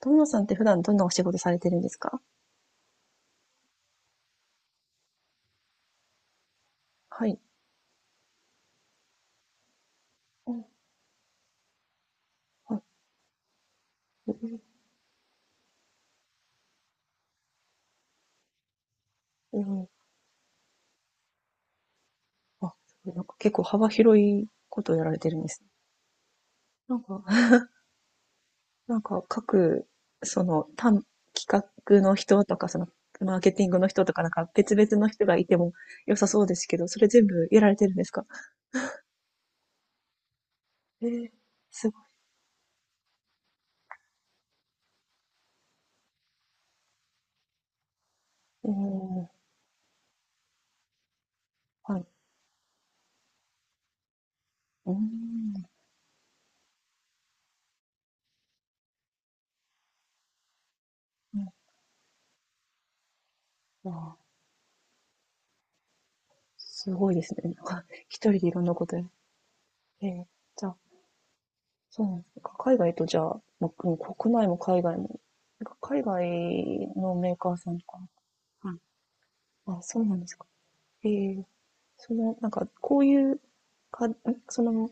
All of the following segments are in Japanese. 友野さんって普段どんなお仕事されてるんですか？はい。うん、あ、うん、うん、あ、すごい、結構幅広いことをやられてるんですね。なんか、なんか各、その、単、企画の人とか、その、マーケティングの人とか、なんか別々の人がいても良さそうですけど、それ全部やられてるんですか？ええ、すごい。うん、はい。うーん、うん、あー、すごいですね。なんか、一人でいろんなことや、ええー、じゃあ、そうなんです。なんか海外と、じゃあ、まあもう国内も海外も。なんか海外のメーカーさんとか。はい。あ、そうなんですか。ええ、その、なんか、こういう、か、んその、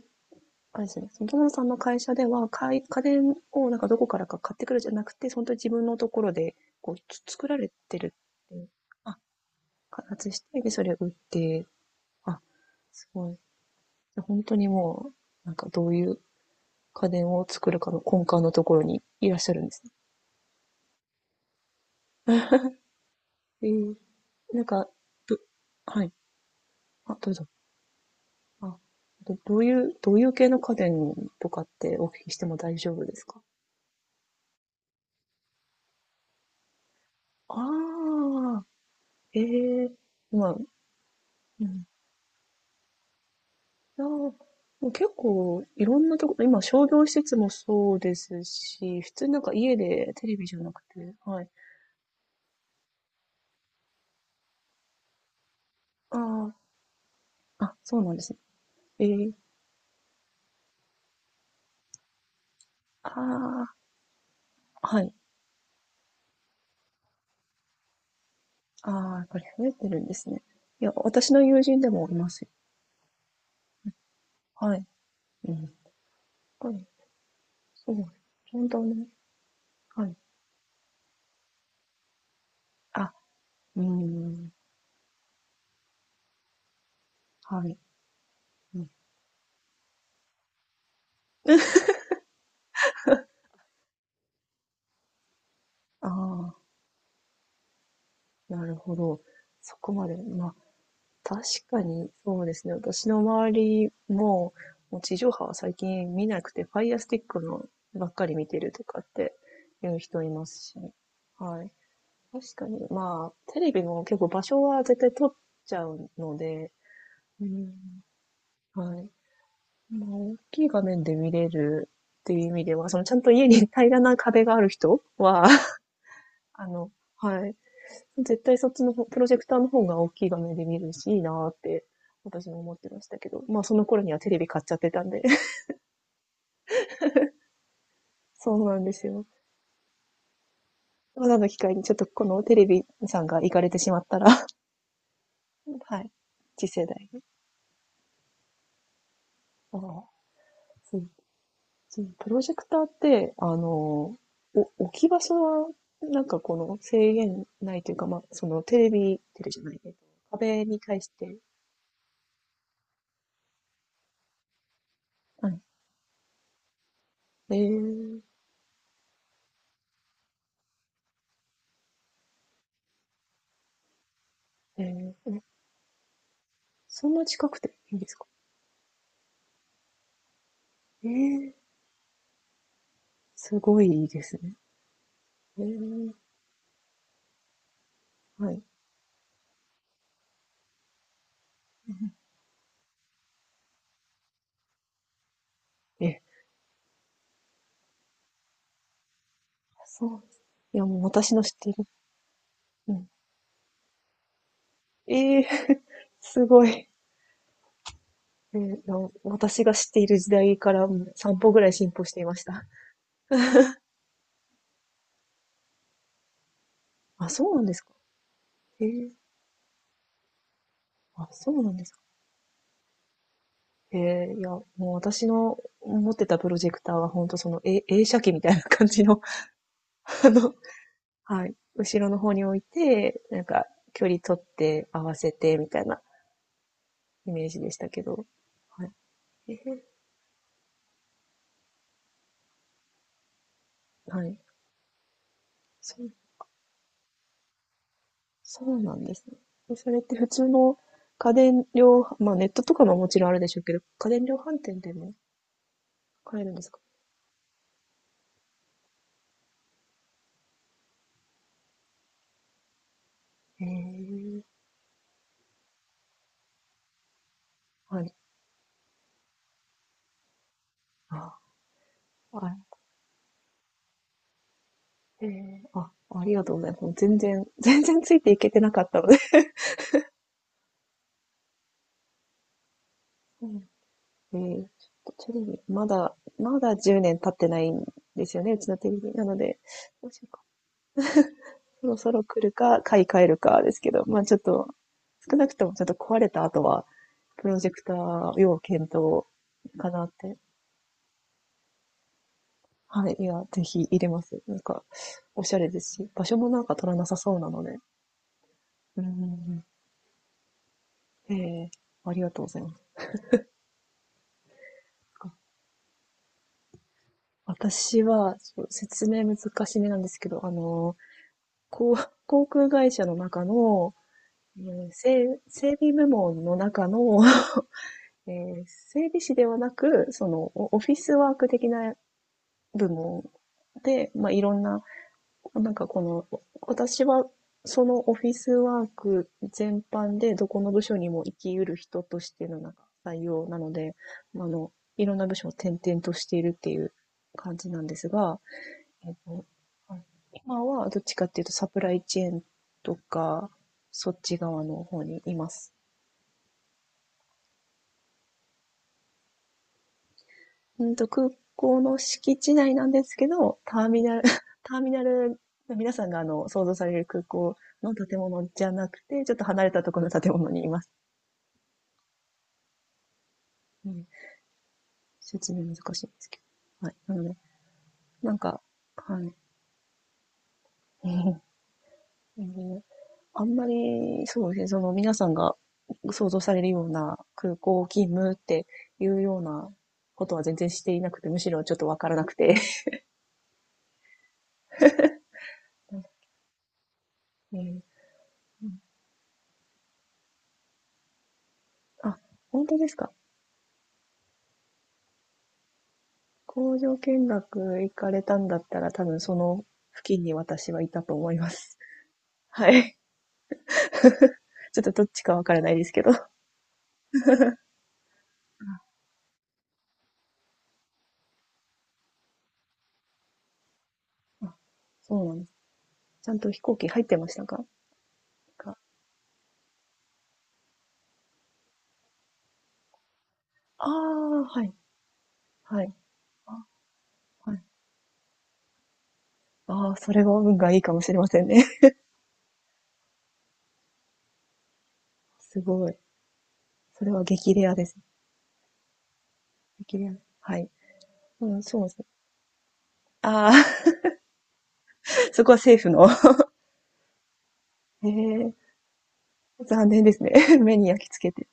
あれですね、その友野さんの会社では、家電をなんかどこからか買ってくるじゃなくて、本当に自分のところで、こう、作られてるっていう、あ、開発して、で、それを売って、あ、すごい。で本当になんかどういう家電を作るかの根幹のところにいらっしゃるんですね。ええ、なんか、ど、はい。あ、どうぞ。あ、どういう、どういう系の家電とかってお聞きしても大丈夫ですか？ああ、ええ、まあ、うん。いや、もう結構いろんなところ、今商業施設もそうですし、普通になんか家でテレビじゃなくて、はい。ああ、あ、そうなんですね。ええ、ああ、はい。ああ、やっぱり増えてるんですね。いや、私の友人でもいますよ。はい。うん。はい、そう。本当ね。はい。あ、うーん、はい、うん、ああ、なるほど。そこまで、まあ、確かにそうですね。私の周りも、もう地上波は最近見なくて、ファイアスティックのばっかり見てるとかっていう人いますし、はい。確かに、まあ、テレビも結構場所は絶対取っちゃうので、うん、はい。まあ、大きい画面で見れるっていう意味では、そのちゃんと家に平らな壁がある人は、あの、はい。絶対そっちの方、プロジェクターの方が大きい画面で見るし、いいなーって、私も思ってましたけど、まあその頃にはテレビ買っちゃってたんで、そうなんですよ。まだの機会にちょっとこのテレビさんが行かれてしまったら、はい、次世代。ああ、そう。そうプロジェクターって、あの、お置き場所は、なんかこの制限ないというか、まあ、そのテレビじゃないね、え、壁に対して、はい。えー、えー、え、そんな近くていいんですか？ええー、すごいいいですね。えー、はい。ええ、そうです。いや、もう私の知っているうん。ええ すごい。ええ、いや、私が知っている時代から、うん、3歩ぐらい進歩していました。あ、そうなんですか。ええ、あ、そうなんですか。ええ、いや、もう私の持ってたプロジェクターは本当その、え、映写機みたいな感じの、あの、はい、後ろの方に置いて、なんか距離取って合わせてみたいなイメージでしたけど。はい。ええ、はい。そう、そうなんですね。でそれって普通の家電量まあ、ネットとかももちろんあるでしょうけど、家電量販店でも買えるんですか？へえ、はい。あ、あ、ええ、あ、ありがとうございます。もう全然 全然ついていけてなかったので。うん。ええ、ちょっとテレビ、まだまだ10年経ってないんですよね、うちのテレビ。なので、もしそろそろ来るか、買い替えるかですけど、まあちょっと、少なくともちょっと壊れた後は、プロジェクター要検討かなって。はい。いや、ぜひ入れます。なんか、おしゃれですし、場所もなんか取らなさそうなので。うん、うん、うん。ええ、ありがとうございます。私は、そう説明難しめなんですけど、あの、こう航空会社の中の、整備部門の中の、えー、整備士ではなく、そのオフィスワーク的な部門で、まあ、いろんな、なんかこの、私はそのオフィスワーク全般でどこの部署にも生きうる人としてのなんか採用なので、まああの、いろんな部署を転々としているっていう感じなんですが、えっと、今はどっちかっていうとサプライチェーンとか、そっち側の方にいます。うんと、空港の敷地内なんですけど、ターミナル、ターミナル、皆さんがあの、想像される空港の建物じゃなくて、ちょっと離れたところの建物にいます。うん、説明難しいんですけど。はい。なので、なんか、はい。うん、あんまり、そうですね、その皆さんが想像されるような空港勤務っていうようなことは全然していなくて、むしろちょっとわからなくて。えー、あ、本当ですか？工場見学行かれたんだったら、多分その付近に私はいたと思います。はい。ちょっとどっちかわからないですけど。あ、そうなんです。ちゃんと飛行機入ってましたか？かああー、はい、はい。あ、はい。ああ、それは運がいいかもしれませんね。すごい。それは激レアです。激レア。はい。うん、そうですね。ああ、そこは政府の。へえ、残念ですね。目に焼き付けて。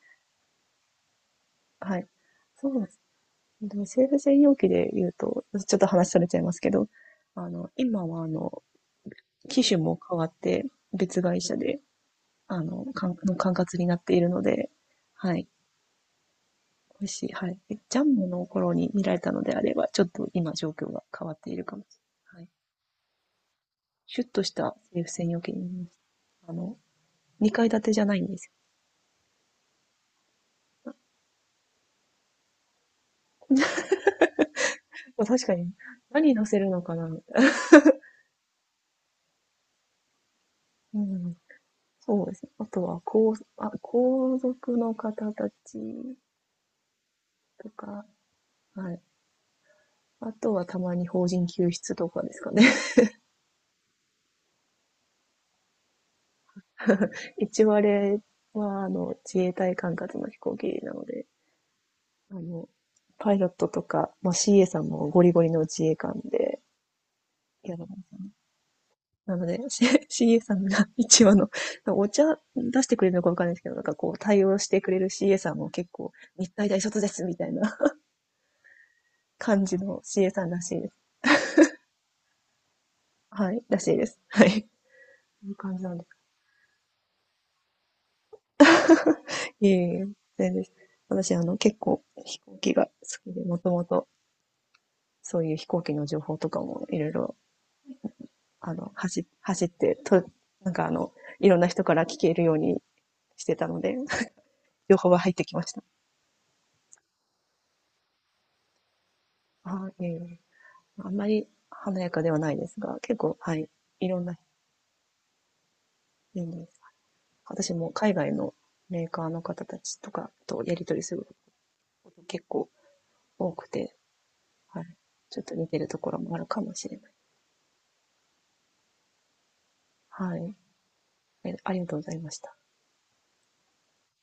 はい。そうでも政府専用機で言うと、ちょっと話されちゃいますけど、あの、今は、あの、機種も変わって、別会社で、あの、管轄になっているので、はい。もし、はい。ジャンボの頃に見られたのであれば、ちょっと今状況が変わっているかもしれない。はい。シュッとした政府専用機になりました。あの、2階建てじゃないんですよ。まあ確かに、何乗せるのかな。うん。そうですね。あとは、皇族の方たちとか、はい。あとはたまに邦人救出とかですかね。一応あれは、あの、自衛隊管轄の飛行機なので、あの、パイロットとか、まあ、CA さんもゴリゴリの自衛官で、嫌だなんでね。なので、CA さんが一話の、お茶出してくれるのかわかんないですけど、なんかこう対応してくれる CA さんも結構、日体大卒ですみたいな 感じの CA さんらしいです。はい、らしいです。はい。そういう感じなんです。いえいえ、全然です。私、あの、結構飛行機が好きで、もともとそういう飛行機の情報とかもいろいろ、あの、走、走って、と、なんかあの、いろんな人から聞けるようにしてたので、情報は入ってきました。あ、いえいえ。あんまり華やかではないですが、結構、はい、いろんな人です。私も海外のメーカーの方たちとかとやり取りすること結構多くて、はい。ちょっと似てるところもあるかもしれない。はい。え、ありがとうございました。